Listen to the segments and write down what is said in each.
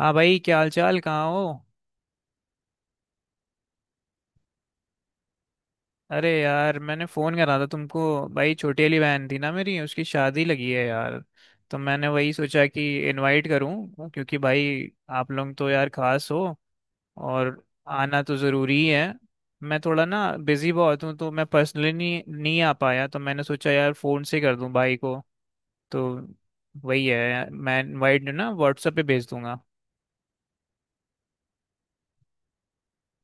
हाँ भाई, क्या हाल चाल, कहाँ हो? अरे यार, मैंने फ़ोन करा था तुमको। भाई, छोटी वाली बहन थी ना मेरी, उसकी शादी लगी है यार। तो मैंने वही सोचा कि इनवाइट करूँ, क्योंकि भाई आप लोग तो यार खास हो। और आना तो ज़रूरी है। मैं थोड़ा ना बिज़ी बहुत हूँ, तो मैं पर्सनली नहीं नहीं आ पाया, तो मैंने सोचा यार फ़ोन से कर दूँ भाई को। तो वही है, मैं इनवाइट ना व्हाट्सएप पे भेज दूंगा।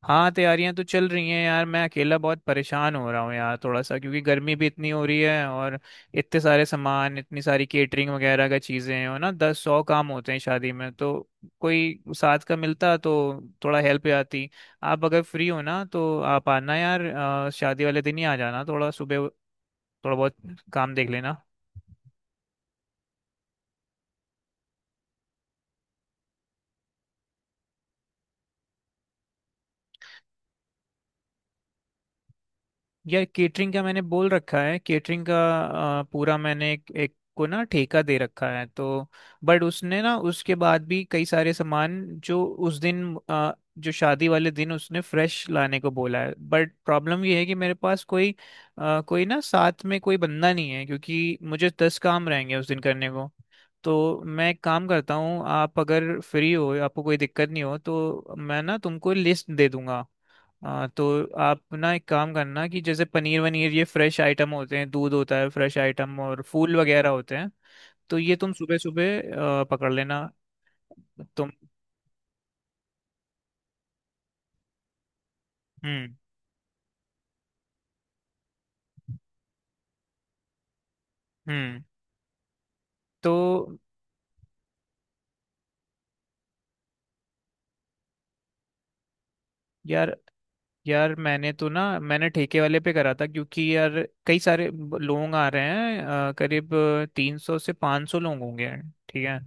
हाँ, तैयारियां तो चल रही हैं यार। मैं अकेला बहुत परेशान हो रहा हूँ यार, थोड़ा सा, क्योंकि गर्मी भी इतनी हो रही है और इतने सारे सामान, इतनी सारी केटरिंग वगैरह का चीज़ें हैं, और ना दस सौ काम होते हैं शादी में। तो कोई साथ का मिलता तो थोड़ा हेल्प आती। आप अगर फ्री हो ना, तो आप आना यार। शादी वाले दिन ही आ जाना थोड़ा सुबह, थोड़ा बहुत काम देख लेना। यार केटरिंग का मैंने बोल रखा है, केटरिंग का। पूरा मैंने एक को ना ठेका दे रखा है। तो बट उसने ना, उसके बाद भी कई सारे सामान, जो उस जो शादी वाले दिन उसने फ्रेश लाने को बोला है। बट प्रॉब्लम ये है कि मेरे पास कोई ना साथ में कोई बंदा नहीं है, क्योंकि मुझे दस काम रहेंगे उस दिन करने को। तो मैं एक काम करता हूँ, आप अगर फ्री हो, आपको कोई दिक्कत नहीं हो, तो मैं ना तुमको लिस्ट दे दूंगा। हाँ तो आप ना एक काम करना, कि जैसे पनीर वनीर, ये फ्रेश आइटम होते हैं, दूध होता है फ्रेश आइटम, और फूल वगैरह होते हैं। तो ये तुम सुबह सुबह पकड़ लेना। तुम। हम्म। हम्म। तो यार, यार मैंने तो ना मैंने ठेके वाले पे करा था, क्योंकि यार कई सारे लोग आ रहे हैं। करीब तीन सौ से पाँच सौ लोग होंगे। ठीक है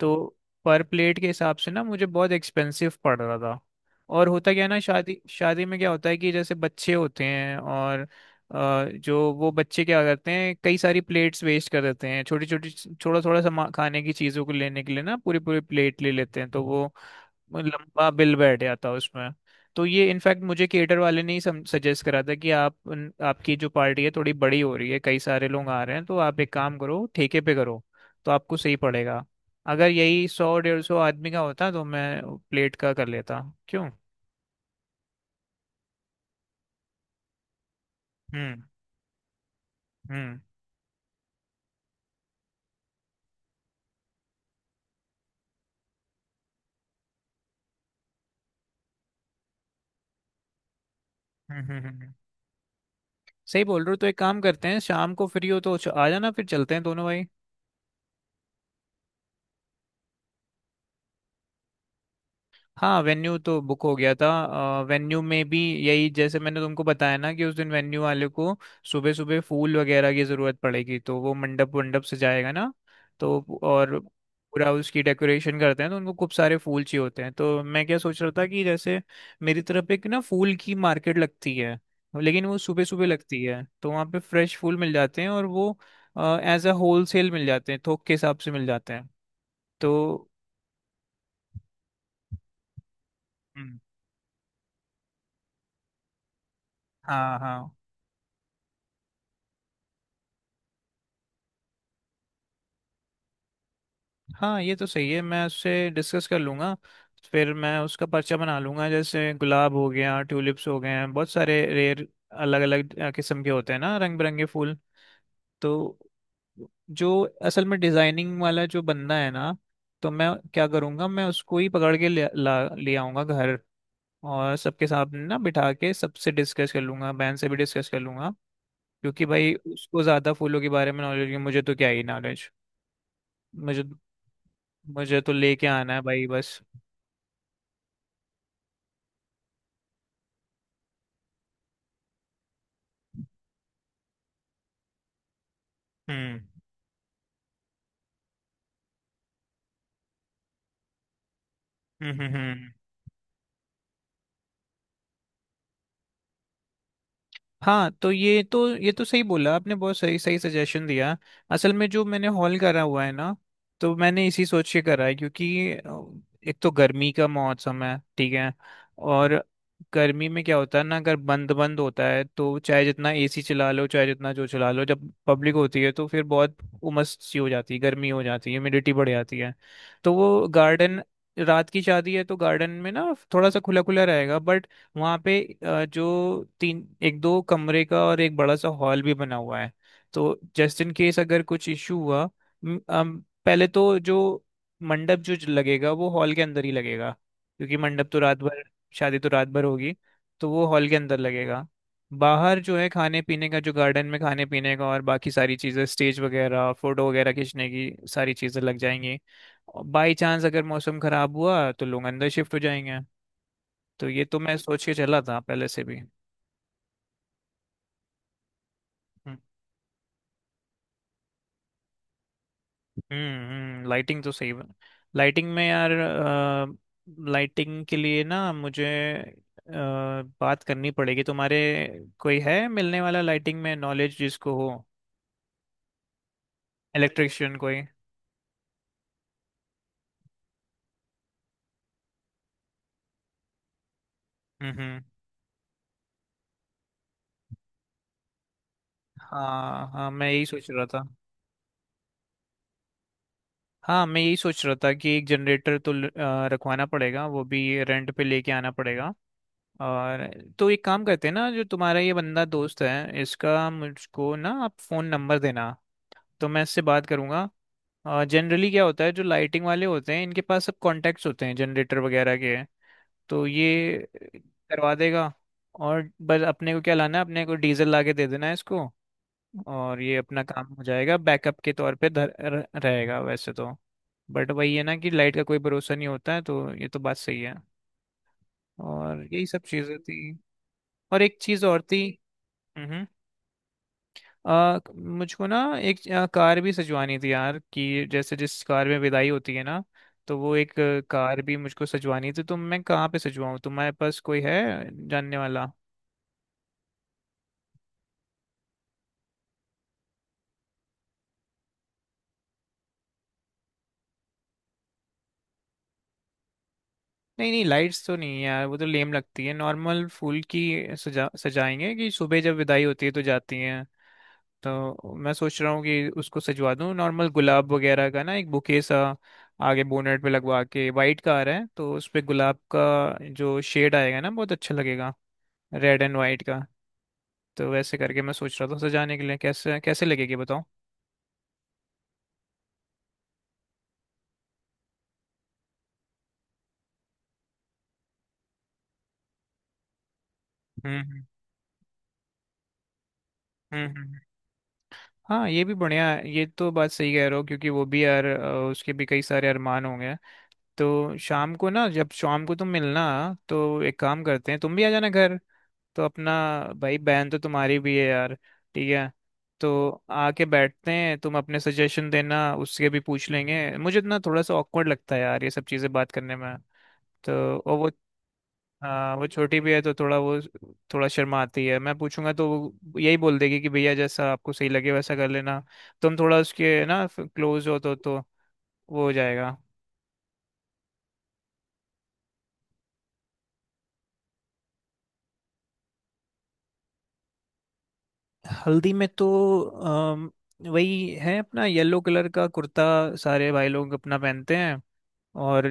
तो पर प्लेट के हिसाब से ना मुझे बहुत एक्सपेंसिव पड़ रहा था। और होता क्या है ना, शादी शादी में क्या होता है कि जैसे बच्चे होते हैं, और जो वो बच्चे क्या करते हैं, कई सारी प्लेट्स वेस्ट कर देते हैं छोटी छोटी। थोड़ा थोड़ा सामान खाने की चीज़ों को लेने के लिए ना पूरी पूरी प्लेट ले लेते हैं, तो वो लंबा बिल बैठ जाता है उसमें। तो ये इनफैक्ट मुझे केटर वाले ने ही सजेस्ट करा था, कि आप आपकी जो पार्टी है थोड़ी बड़ी हो रही है, कई सारे लोग आ रहे हैं, तो आप एक काम करो ठेके पे करो, तो आपको सही पड़ेगा। अगर यही सौ डेढ़ सौ आदमी का होता तो मैं प्लेट का कर लेता। क्यों। हम्म। हम्म। हम्म। हम्म। सही बोल रहे हो। तो एक काम करते हैं, शाम को फ्री हो तो आ जाना, फिर चलते हैं दोनों भाई। हाँ वेन्यू तो बुक हो गया था। वेन्यू में भी यही, जैसे मैंने तुमको बताया ना कि उस दिन वेन्यू वाले को सुबह सुबह फूल वगैरह की ज़रूरत पड़ेगी, तो वो मंडप वंडप से जाएगा ना। तो और पूरा उसकी डेकोरेशन करते हैं, तो उनको खूब सारे फूल चाहिए होते हैं। तो मैं क्या सोच रहा था कि जैसे मेरी तरफ एक ना फूल की मार्केट लगती है, लेकिन वो सुबह सुबह लगती है, तो वहाँ पे फ्रेश फूल मिल जाते हैं, और वो एज अ होल सेल मिल जाते हैं, थोक के हिसाब से मिल जाते हैं। तो हम्म, हाँ हाँ हाँ, ये तो सही है, मैं उससे डिस्कस कर लूंगा। फिर मैं उसका पर्चा बना लूंगा, जैसे गुलाब हो गया, ट्यूलिप्स हो गए हैं, बहुत सारे रेयर अलग अलग किस्म के होते हैं ना रंग बिरंगे फूल। तो जो असल में डिजाइनिंग वाला जो बंदा है ना, तो मैं क्या करूंगा, मैं उसको ही पकड़ के ला ले आऊंगा घर। और सबके सामने ना बिठा के सबसे डिस्कस कर लूंगा, बहन से भी डिस्कस कर लूंगा, क्योंकि भाई उसको ज्यादा फूलों के बारे में नॉलेज है, मुझे तो क्या ही नॉलेज। मुझे, मुझे तो लेके आना है भाई बस। हम्म। हम्म। हम्म। हम्म। हाँ तो ये तो सही बोला आपने, बहुत सही सही सजेशन दिया। असल में जो मैंने हॉल करा हुआ है ना, तो मैंने इसी सोच के करा है, क्योंकि एक तो गर्मी का मौसम है, ठीक है। और गर्मी में क्या होता है ना, अगर बंद बंद होता है तो चाहे जितना एसी चला लो, चाहे जितना जो चला लो, जब पब्लिक होती है तो फिर बहुत उमस सी हो जाती है, गर्मी हो जाती है, ह्यूमिडिटी बढ़ जाती है। तो वो गार्डन, रात की शादी है तो गार्डन में ना थोड़ा सा खुला खुला रहेगा। बट वहाँ पे जो तीन एक दो कमरे का और एक बड़ा सा हॉल भी बना हुआ है, तो जस्ट इन केस अगर कुछ इशू हुआ, म- अम, पहले तो जो मंडप जो लगेगा वो हॉल के अंदर ही लगेगा, क्योंकि मंडप तो रात भर, शादी तो रात भर होगी, तो वो हॉल के अंदर लगेगा। बाहर जो है खाने पीने का, जो गार्डन में खाने पीने का और बाकी सारी चीज़ें स्टेज वगैरह, फोटो वगैरह खींचने की सारी चीज़ें लग जाएंगी। बाई चांस अगर मौसम खराब हुआ तो लोग अंदर शिफ्ट हो जाएंगे। तो ये तो मैं सोच के चला था पहले से भी। हम्म। हम्म। लाइटिंग तो सही बना। लाइटिंग में यार, लाइटिंग के लिए ना मुझे अ, बात करनी पड़ेगी तुम्हारे, कोई है मिलने वाला लाइटिंग में नॉलेज जिसको हो, इलेक्ट्रिशियन कोई। हम्म। हम्म। हाँ हाँ, मैं यही सोच रहा था। हाँ मैं यही सोच रहा था कि एक जनरेटर तो रखवाना पड़ेगा, वो भी रेंट पे लेके आना पड़ेगा। और तो एक काम करते हैं ना, जो तुम्हारा ये बंदा दोस्त है, इसका मुझको ना आप फ़ोन नंबर देना, तो मैं इससे बात करूंगा। जनरली क्या होता है, जो लाइटिंग वाले होते हैं इनके पास सब कॉन्टैक्ट्स होते हैं जनरेटर वगैरह के। तो ये करवा देगा, और बस अपने को क्या लाना है, अपने को डीजल ला के दे देना है इसको। और ये अपना काम हो जाएगा, बैकअप के तौर पे रहेगा वैसे तो। बट वही है ना कि लाइट का कोई भरोसा नहीं होता है, तो ये तो बात सही है। और यही सब चीज़ें थी। और एक चीज़ और थी। हम्म। मुझको ना एक कार भी सजवानी थी यार, कि जैसे जिस कार में विदाई होती है ना, तो वो एक कार भी मुझको सजवानी थी। तो मैं कहाँ पे सजवाऊँ, तुम्हारे पास कोई है जानने वाला? नहीं नहीं लाइट्स तो नहीं है यार, वो तो लेम लगती है। नॉर्मल फूल की सजा सजाएंगे, कि सुबह जब विदाई होती है तो जाती हैं। तो मैं सोच रहा हूँ कि उसको सजवा दूँ, नॉर्मल गुलाब वगैरह का ना एक बुके सा आगे बोनेट पे लगवा के। वाइट कार है तो उस पे गुलाब का जो शेड आएगा ना बहुत अच्छा लगेगा, रेड एंड वाइट का। तो वैसे करके मैं सोच रहा था सजाने के लिए, कैसे कैसे लगेगी, बताओ। हम्म। हम्म। हम्म, हम्म। हाँ ये भी बढ़िया है, ये तो बात सही कह रहे हो, क्योंकि वो भी यार उसके भी कई सारे अरमान होंगे। तो शाम को ना, जब शाम को तुम मिलना, तो एक काम करते हैं, तुम भी आ जाना घर। तो अपना भाई बहन तो तुम्हारी भी है यार, ठीक है? तो आके बैठते हैं, तुम अपने सजेशन देना, उससे भी पूछ लेंगे। मुझे ना थोड़ा सा ऑकवर्ड लगता है यार ये सब चीज़ें बात करने में। तो और वो, हाँ वो छोटी भी है, तो थोड़ा वो, थोड़ा शर्माती है। मैं पूछूंगा तो वो यही बोल देगी कि भैया जैसा आपको सही लगे वैसा कर लेना। तुम थोड़ा उसके ना क्लोज हो, तो वो हो जाएगा। हल्दी में तो अम, वही है अपना, येलो कलर का कुर्ता सारे भाई लोग अपना पहनते हैं। और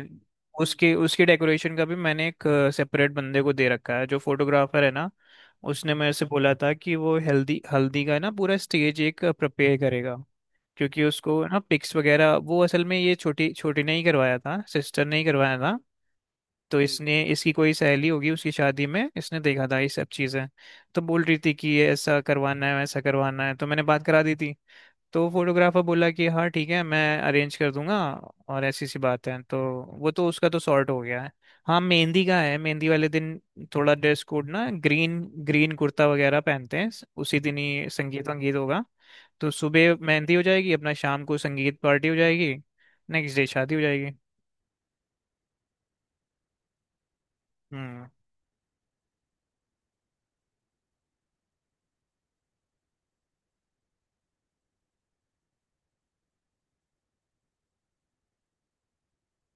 उसके उसके डेकोरेशन का भी मैंने एक सेपरेट बंदे को दे रखा है, जो फोटोग्राफर है ना। उसने मेरे से बोला था कि वो हल्दी हल्दी का ना पूरा स्टेज एक प्रिपेयर करेगा, क्योंकि उसको ना पिक्स वगैरह, वो असल में ये छोटी छोटी ने ही करवाया था, सिस्टर ने ही करवाया था। तो इसने, इसकी कोई सहेली होगी उसकी शादी में इसने देखा था ये सब चीज़ें। तो बोल रही थी कि ये ऐसा करवाना है वैसा करवाना है, तो मैंने बात करा दी थी। तो फोटोग्राफर बोला कि हाँ ठीक है, मैं अरेंज कर दूंगा। और ऐसी सी बात है, तो वो तो उसका तो सॉर्ट हो गया है। हाँ मेहंदी का है, मेहंदी वाले दिन थोड़ा ड्रेस कोड ना ग्रीन, ग्रीन कुर्ता वगैरह पहनते हैं। उसी दिन ही संगीत वंगीत होगा। तो सुबह मेहंदी हो जाएगी, अपना शाम को संगीत पार्टी हो जाएगी। नेक्स्ट डे शादी हो जाएगी। हम्म।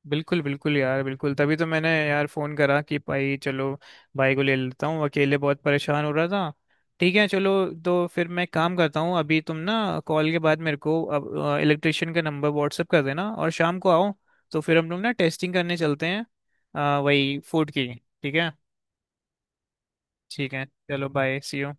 बिल्कुल बिल्कुल यार, बिल्कुल तभी तो मैंने यार फोन करा कि भाई चलो, भाई को ले लेता हूँ, अकेले बहुत परेशान हो रहा था। ठीक है चलो। तो फिर मैं काम करता हूँ, अभी तुम ना कॉल के बाद मेरे को अब इलेक्ट्रिशियन का नंबर व्हाट्सअप कर देना, और शाम को आओ, तो फिर हम लोग ना टेस्टिंग करने चलते हैं, वही फूड की। ठीक है। ठीक है चलो, बाय, सी यू।